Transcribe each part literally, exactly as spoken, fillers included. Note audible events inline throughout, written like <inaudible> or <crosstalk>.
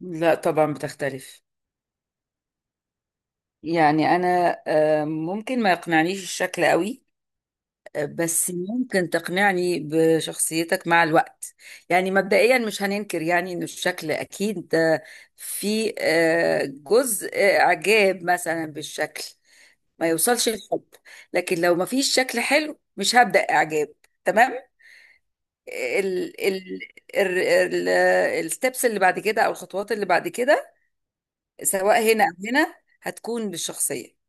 لا طبعا بتختلف. يعني انا آه، ممكن ما يقنعنيش الشكل قوي. آه، بس ممكن تقنعني بشخصيتك مع الوقت. يعني مبدئيا مش هننكر يعني ان الشكل اكيد، آه، في آه، جزء آه، اعجاب مثلا بالشكل ما يوصلش الحب، لكن لو ما فيش شكل حلو مش هبدأ اعجاب. تمام. ال ال ال ال الستبس اللي بعد كده او الخطوات اللي بعد كده، سواء هنا او هنا، هتكون بالشخصية.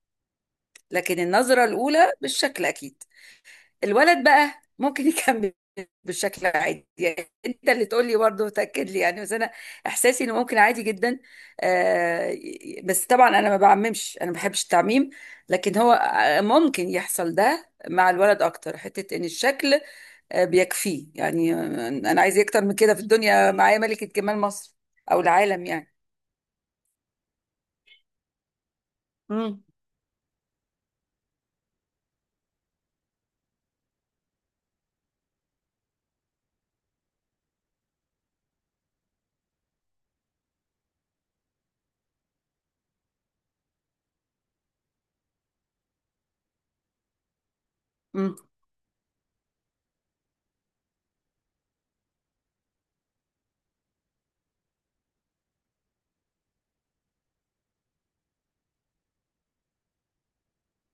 لكن النظرة الأولى بالشكل أكيد. الولد بقى ممكن <laughs> يكمل بالشكل عادي. يعني انت اللي تقول لي برضه، تاكد لي يعني، بس انا احساسي انه ممكن عادي جدا. آه ي- بس طبعا انا ما بعممش، انا ما بحبش التعميم. لكن هو آه، ممكن يحصل ده مع الولد اكتر، حته ان الشكل آه بيكفيه. يعني آه، انا عايز إيه اكتر من كده في الدنيا؟ معايا ملكه جمال مصر او العالم يعني. مم. مم.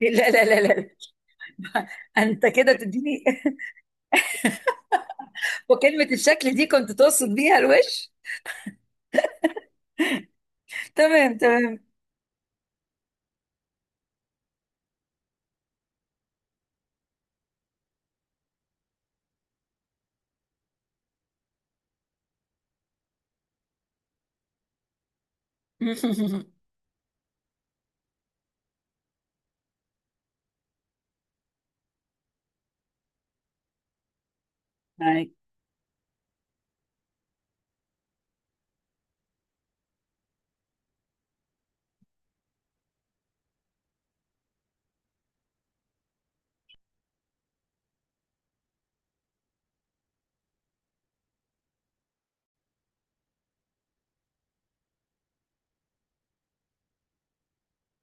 <laughs> لا لا لا لا. انت كده تديني. <laughs> وكلمة الشكل دي كنت تقصد بيها الوش؟ تمام تمام. <laughs> معاك.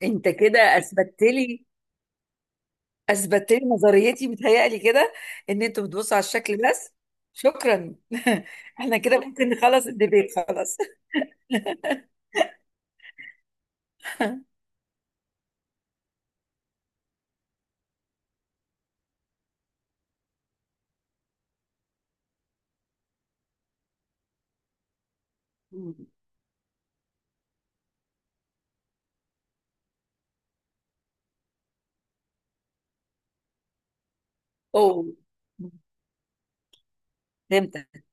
انت كده اثبتت لي اثبتت لي نظريتي متهيألي كده، ان انتوا بتبصوا على الشكل بس. شكرا. <laughs> احنا كده ممكن نخلص الديبيت خلاص. <laughs> اوه، فهمتك.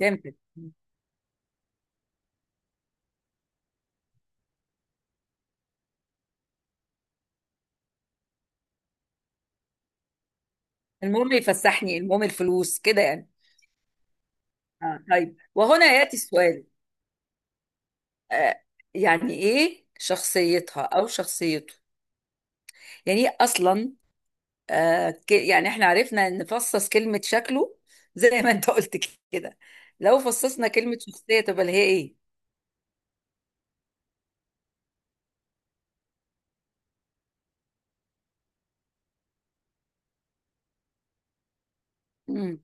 فهمتك. المهم يفسحني، المهم الفلوس كده يعني. آه. طيب، وهنا يأتي السؤال. آه يعني ايه شخصيتها او شخصيته؟ يعني ايه اصلا؟ آه ك- يعني احنا عرفنا نفصص كلمة شكله زي ما انت قلت كده. لو فصصنا كلمة شخصية تبقى اللي هي ايه؟ مم.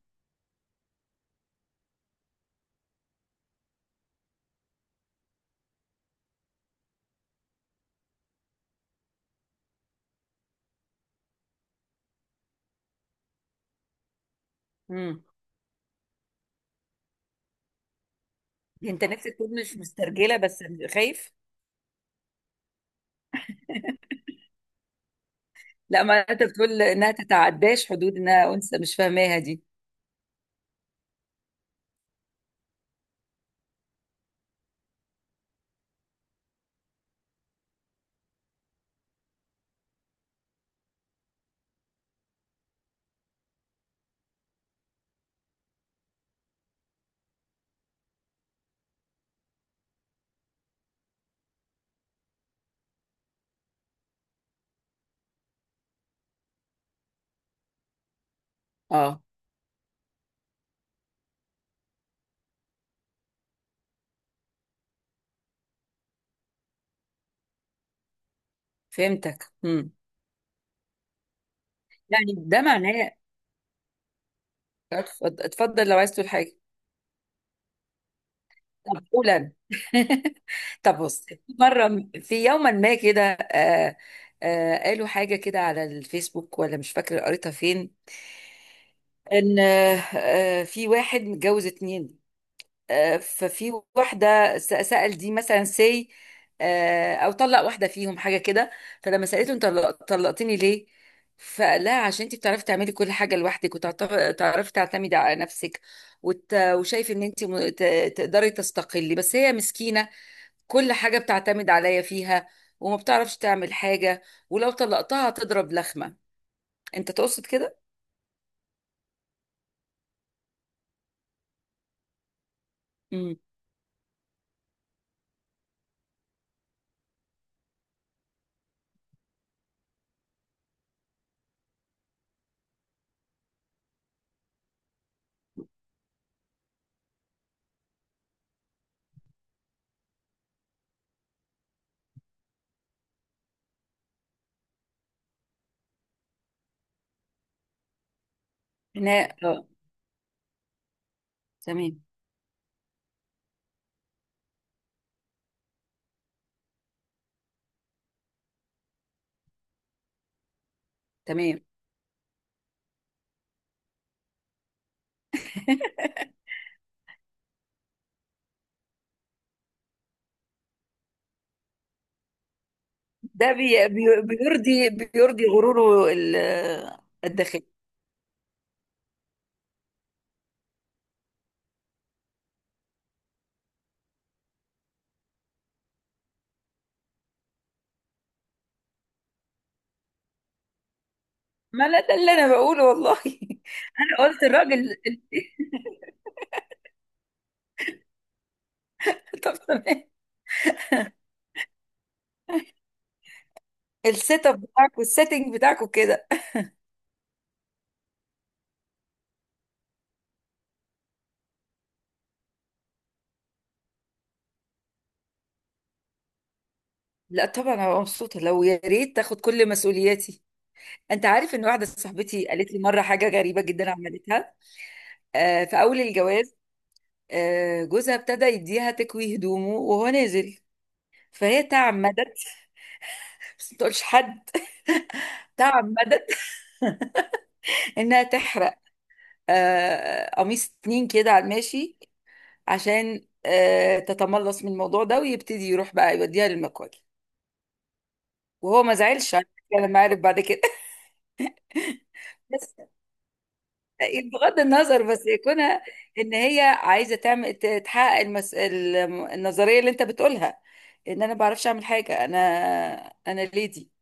مم. انت نفسك تكون مش مسترجلة بس، خايف؟ لا، ما انت بتقول انها تتعداش حدود انها انثى، مش فاهماها دي. اه فهمتك. مم. يعني ده معناه. اتفضل اتفضل لو عايز تقول حاجة. طب قول انا. <laughs> طب بص، في مرة في يوما ما كده آه آه قالوا حاجة كده على الفيسبوك ولا مش فاكرة قريتها فين. ان آه، آه، في واحد متجوز اتنين. آه، ففي واحده س- سأل دي مثلا سي او طلق واحده فيهم حاجه كده. فلما سألته: انت طلق- طلقتني ليه؟ فقال لها: عشان انت بتعرفي تعملي كل حاجه لوحدك، وتعرفي تعتمدي على نفسك، وت- وشايف ان انت م- ت- تقدري تستقلي، بس هي مسكينه، كل حاجه بتعتمد عليا فيها، وما بتعرفش تعمل حاجه، ولو طلقتها هتضرب لخمه. انت تقصد كده؟ امم. هنا اه. تمام تمام. ده بي بي- بيرضي بيرضي غروره ال- الداخلي. ما لا، ده اللي انا بقوله والله. <laughs> انا قلت الراجل. <laughs> طب تمام. السيت اب بتاعك والسيتنج بتاعك وكده. لا طبعا انا مبسوطه لو يا ريت تاخد كل مسؤولياتي. انت عارف ان واحده صاحبتي قالت لي مره حاجه غريبه جدا عملتها؟ آه، في اول الجواز، آه جوزها ابتدى يديها تكوي هدومه وهو نازل. فهي تعمدت، بس ما تقولش حد، تعمدت انها تحرق آه، قميص اتنين كده على الماشي، عشان آه، تتملص من الموضوع ده، ويبتدي يروح بقى يوديها للمكواج. وهو ما زعلش على فكرة لما عرف بعد كده. <laughs> بس بغض النظر، بس يكونها ان هي عايزه تعمل ت- تحقق المس... ال- النظريه اللي انت بتقولها، ان انا ما بعرفش اعمل حاجه، انا انا ليدي.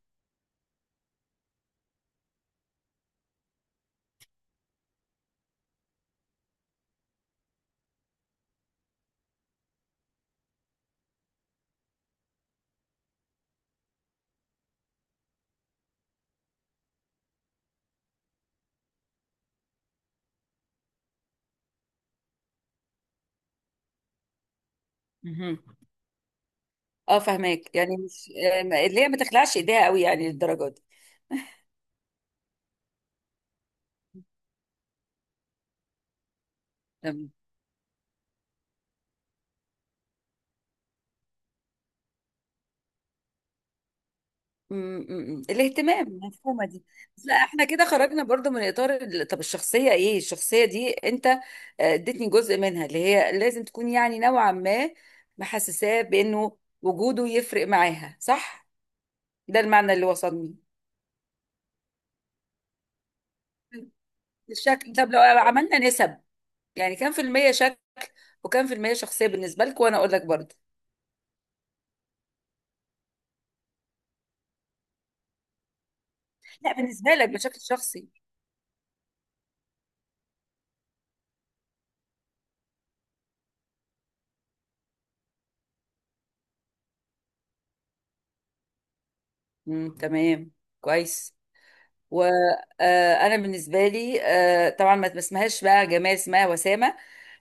مهم. اه فهماك، يعني مش آه، ما- اللي هي ما تخلعش ايديها قوي يعني للدرجه دي. م- م- م. الاهتمام المفهومه دي. بس لا، احنا كده خرجنا برضو من اطار ال- طب الشخصيه ايه؟ الشخصيه دي انت آه، اديتني جزء منها اللي هي لازم تكون يعني نوعا ما محسساه بانه وجوده يفرق معاها، صح؟ ده المعنى اللي وصلني. الشكل؟ طب لو عملنا نسب، يعني كام في المية شكل وكام في المية شخصية بالنسبة لك، وانا اقول لك برضو. لا بالنسبة لك بشكل شخصي. امم. تمام. كويس. وانا بالنسبه لي آه، طبعا ما اسمهاش بقى جمال، اسمها وسامه.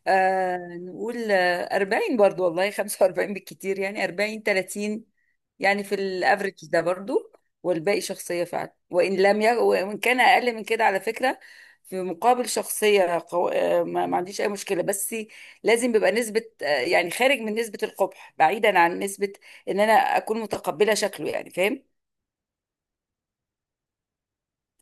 آه، نقول آه، أربعين برضو والله. <laughs> خمسة وأربعون بالكتير، يعني أربعين، تلاتين يعني، في الافريج ده برضو. والباقي شخصيه فعلا، وان لم ي... وان كان اقل من كده على فكره، في مقابل شخصيه قو... آه، ما ما عنديش اي مشكله. بس لازم بيبقى نسبه، آه، يعني خارج من نسبه القبح، بعيدا عن نسبه ان انا اكون متقبله شكله، يعني فاهم؟